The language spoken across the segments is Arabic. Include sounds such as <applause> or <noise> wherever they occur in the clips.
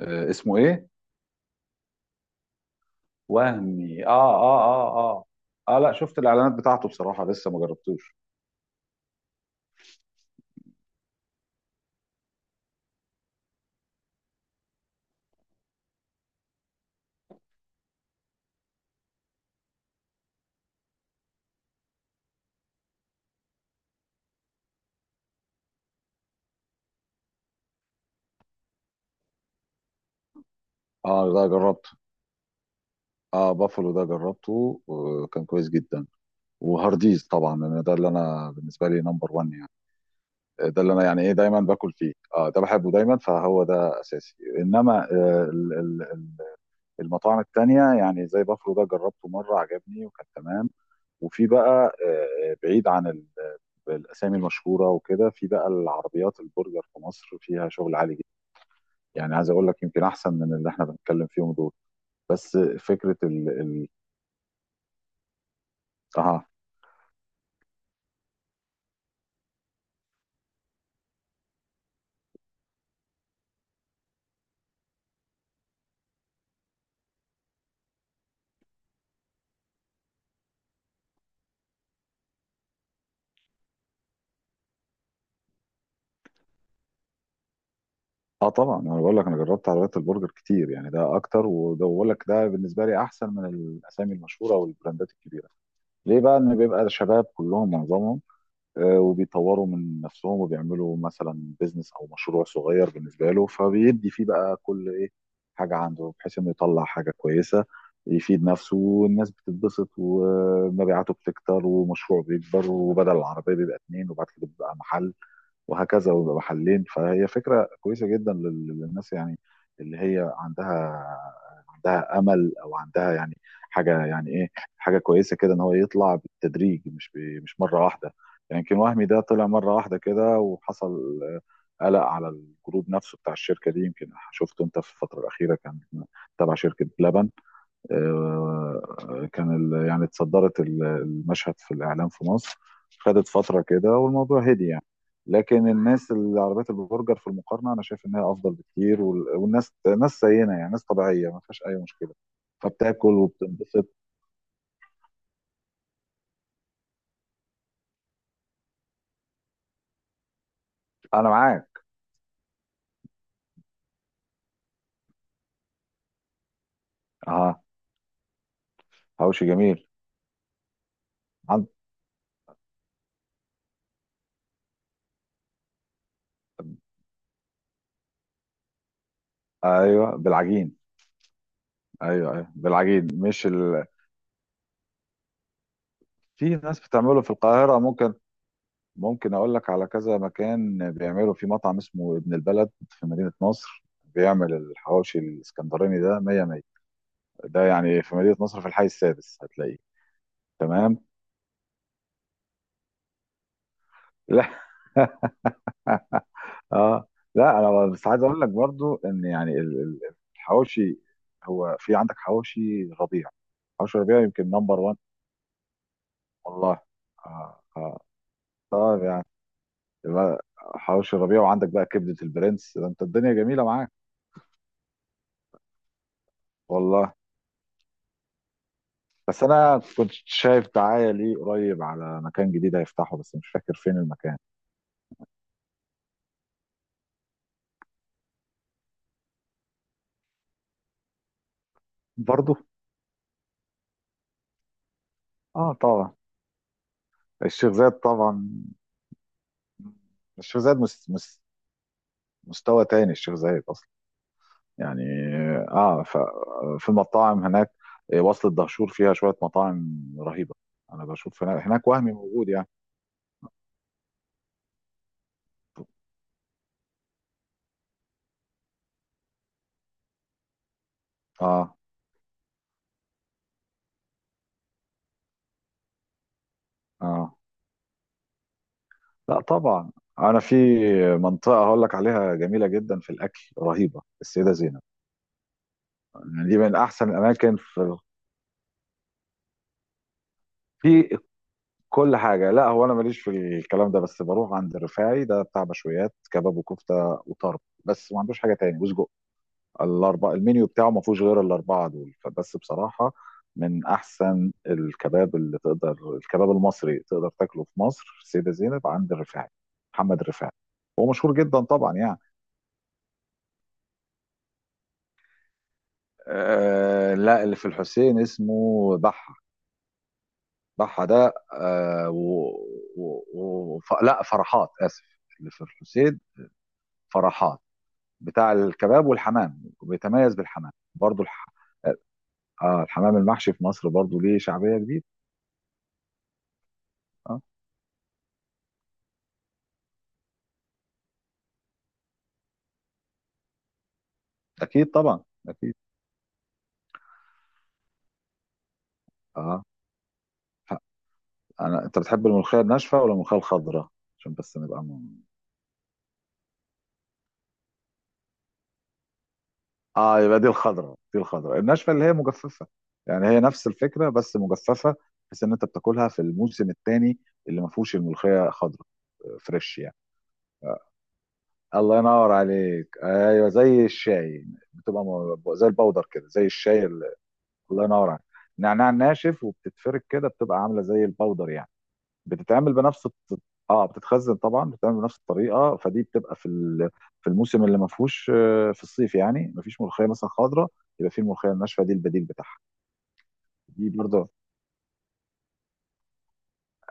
اسمه ايه؟ وهمي، اه، اه، اه، اه، اه، لا، شفت الاعلانات بتاعته بصراحه، لسه ما جربتوش. اه، ده جربته. اه، بافلو ده جربته وكان كويس جدا. وهارديز طبعا، لان ده اللي انا بالنسبه لي نمبر 1 يعني. ده اللي انا يعني ايه دايما باكل فيه، اه، ده بحبه دايما فهو ده اساسي، انما المطاعم التانية يعني زي بافلو ده جربته مره، عجبني وكان تمام. وفي بقى، بعيد عن الاسامي المشهوره وكده، في بقى العربيات البرجر في مصر فيها شغل عالي جدا، يعني عايز اقول لك يمكن احسن من اللي احنا بنتكلم فيهم دول. بس فكره ال ال اه، اه، طبعا انا بقول لك، انا جربت عربيات البرجر كتير، يعني ده اكتر، وده بقول لك ده بالنسبه لي احسن من الاسامي المشهوره والبراندات الكبيره. ليه بقى؟ ان بيبقى شباب كلهم معظمهم، وبيطوروا من نفسهم وبيعملوا مثلا بيزنس او مشروع صغير بالنسبه له، فبيدي فيه بقى كل ايه حاجه عنده، بحيث انه يطلع حاجه كويسه، يفيد نفسه والناس بتتبسط، ومبيعاته بتكتر ومشروعه بيكبر، وبدل العربيه بيبقى اتنين وبعد كده بيبقى محل وهكذا، ويبقى محلين. فهي فكره كويسه جدا للناس يعني، اللي هي عندها، عندها امل او عندها يعني حاجه، يعني ايه، حاجه كويسه كده، ان هو يطلع بالتدريج مش مش مره واحده. يعني يمكن وهمي ده طلع مره واحده كده، وحصل قلق على الجروب نفسه بتاع الشركه دي، يمكن شفته انت في الفتره الاخيره، كان تبع شركه بلبن. كان يعني اتصدرت المشهد في الإعلام في مصر، خدت فترة كده والموضوع هدي يعني. لكن الناس اللي عربيات البرجر، في المقارنة أنا شايف إنها أفضل بكتير، والناس ناس زينا، يعني ناس طبيعية ما فيهاش أي مشكلة، فبتاكل وبتنبسط. أنا معاك. أه. حواوشي جميل. عند. أيوه بالعجين. أيوه، أيوه بالعجين، مش في ناس بتعمله في القاهرة، ممكن، ممكن اقول لك على كذا مكان، بيعملوا في مطعم اسمه ابن البلد في مدينة نصر، بيعمل الحواوشي الاسكندراني ده مية مية. ده يعني في مدينة نصر في الحي السادس هتلاقيه. تمام. لا. <laughs> اه، لا، انا بس عايز اقول لك برضو ان يعني الحواوشي، هو في عندك حواوشي ربيع. حواوشي ربيع يمكن نمبر 1. والله. اه، اه، طيب يعني، يبقى حواوشي ربيع وعندك بقى كبدة البرنس، ده انت الدنيا جميلة معاك. والله. بس انا كنت شايف دعايه ليه قريب على مكان جديد هيفتحه، بس مش فاكر فين المكان. برضه. اه، طبعا. الشيخ زايد طبعا. الشيخ زايد مستوى تاني، الشيخ زايد اصلا. يعني اه ف... في المطاعم هناك، وصلة دهشور فيها شويه مطاعم رهيبه. انا بشوف هناك وهمي موجود يعني. اه، اه، لا طبعا. انا في منطقه هقول لك عليها جميله جدا في الاكل، رهيبه، السيده زينب، يعني دي من احسن الاماكن في، في كل حاجة. لا هو، أنا ماليش في الكلام ده، بس بروح عند الرفاعي ده بتاع مشويات كباب وكفتة وطرب، بس ما عندوش حاجة تاني وسجق. الأربعة المنيو بتاعه ما فيهوش غير الأربعة دول، فبس بصراحة من أحسن الكباب اللي تقدر، الكباب المصري تقدر تاكله في مصر في السيدة زينب عند الرفاعي، محمد الرفاعي. هو مشهور جدا طبعا يعني. لا، اللي في الحسين اسمه بحة. بحة ده لا، فرحات آسف. اللي في الحسين فرحات، بتاع الكباب والحمام، بيتميز بالحمام برضو الحمام المحشي في مصر برضو ليه شعبية كبيرة. اه، اكيد طبعا، اكيد. اه ف- انا، انت بتحب الملوخية الناشفة ولا الملوخية الخضراء؟ عشان بس نبقى اه، يبقى دي الخضراء، دي الخضراء الناشفة اللي هي مجففة، يعني هي نفس الفكرة بس مجففة، بحيث ان انت بتاكلها في الموسم الثاني اللي ما فيهوش الملوخية خضراء، فريش يعني. الله ينور عليك، ايوه زي الشاي. بتبقى زي البودر كده، زي الشاي. الله ينور عليك. نعناع ناشف، وبتتفرك كده، بتبقى عامله زي الباودر يعني. بتتعمل بنفس الط- اه بتتخزن طبعا، بتتعمل بنفس الطريقه. فدي بتبقى في في الموسم اللي ما فيهوش، في الصيف يعني، ما فيش ملوخيه مثلا خضراء، يبقى في الملوخيه الناشفه دي البديل بتاعها. دي برضه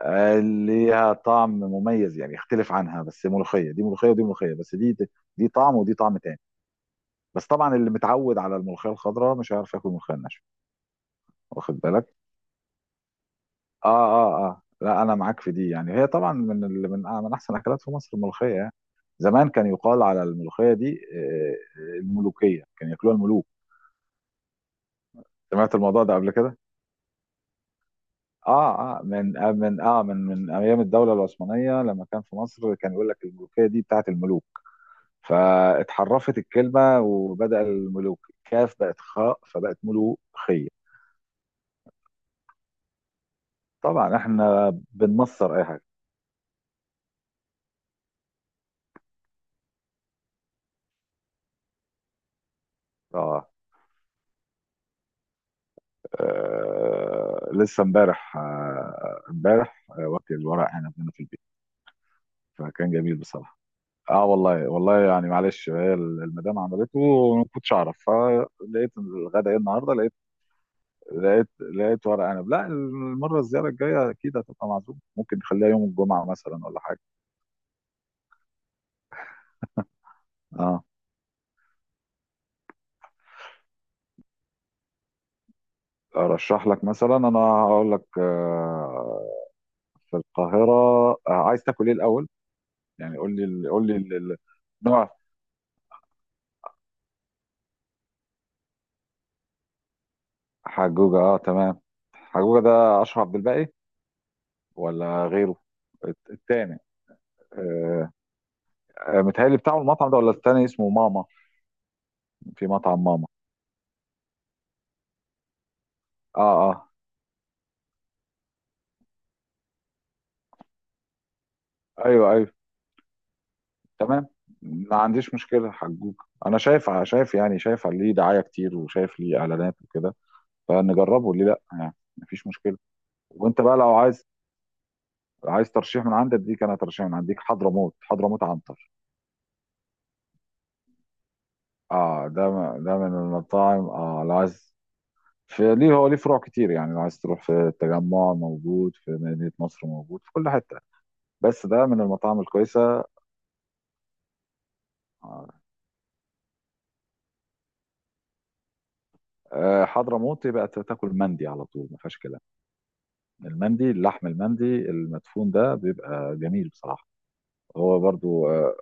ليها طعم مميز، يعني يختلف عنها، بس ملوخيه دي ملوخيه ودي ملوخيه، بس دي، دي طعم ودي طعم تاني. بس طبعا اللي متعود على الملوخيه الخضراء مش هيعرف ياكل الملوخيه الناشفه. واخد بالك. اه، اه، اه، لا، انا معاك في دي، يعني هي طبعا من ال... من آه، من احسن الاكلات في مصر، الملوخيه يعني. زمان كان يقال على الملوخيه دي، الملوكيه، كان ياكلوها الملوك. سمعت الموضوع ده قبل كده. اه، اه، من آه من اه من من ايام الدوله العثمانيه، لما كان في مصر، كان يقول لك الملوكيه دي بتاعت الملوك، فاتحرفت الكلمه وبدا الملوك الكاف بقت خاء فبقت ملوخيه. طبعا احنا بنمصر اي حاجه. اه، آه، لسه امبارح، امبارح واكل الورق عنب هنا في البيت، فكان جميل بصراحه. اه، والله، والله يعني، معلش، هي المدام عملته وما كنتش اعرف، فلقيت الغدا ايه النهارده، لقيت لقيت ورق عنب. لا، الزياره الجايه اكيد هتبقى معزوم، ممكن نخليها يوم الجمعه مثلا ولا حاجه. اه، ارشح لك مثلا، انا هقول لك، في القاهره. عايز تاكل ايه الاول؟ يعني قول لي النوع. حجوجه، اه، تمام. حجوجة ده أشرف عبد الباقي ولا غيره؟ التاني. آه آه، متهيألي بتاعه المطعم ده، ولا التاني اسمه ماما؟ في مطعم ماما. اه، اه، ايوه، ايوه تمام، ما عنديش مشكلة، حجوج. انا شايف، يعني شايف ليه دعاية كتير، وشايف ليه اعلانات وكده، فنجربه ليه لا، يعني مفيش مشكلة. وانت بقى لو عايز، عايز ترشيح من عندك؟ ديك انا ترشيح من عندك، حضرموت، حضرموت عنتر. اه، ده من المطاعم، اه، لو عايز، فليه هو ليه فروع كتير، يعني لو عايز تروح في التجمع موجود، في مدينة نصر موجود، في كل حتة. بس ده من المطاعم الكويسة، حضرموت. يبقى تاكل مندي على طول ما فيهاش كلام. المندي اللحم، المندي المدفون ده بيبقى جميل بصراحة. هو برضو، آه،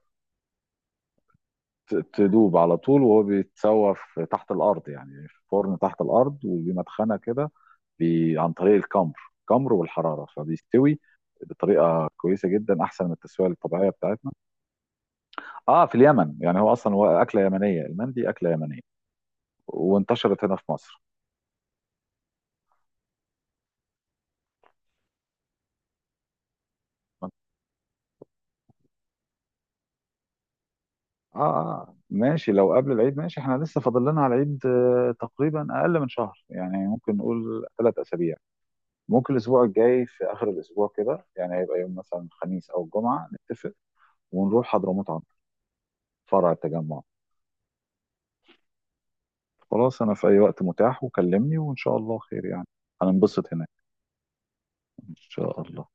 ت- تدوب على طول، وهو بيتسوى في تحت الأرض يعني، في فرن تحت الأرض وليه مدخنة كده، عن طريق الكمر، الكمر والحرارة فبيستوي بطريقة كويسة جدا، أحسن من التسوية الطبيعية بتاعتنا. اه، في اليمن يعني، هو اصلا هو اكله يمنيه، المندي اكله يمنيه، وانتشرت هنا في مصر. اه، اه، ماشي، لو قبل العيد ماشي، احنا لسه فاضل لنا على العيد تقريبا اقل من شهر، يعني ممكن نقول 3 اسابيع، ممكن الاسبوع الجاي في اخر الاسبوع كده، يعني هيبقى يوم مثلا الخميس او الجمعه، نتفق ونروح حضرموت عنتر، فرع التجمع. خلاص، انا في اي وقت متاح، وكلمني وان شاء الله خير يعني، هننبسط هناك ان شاء الله.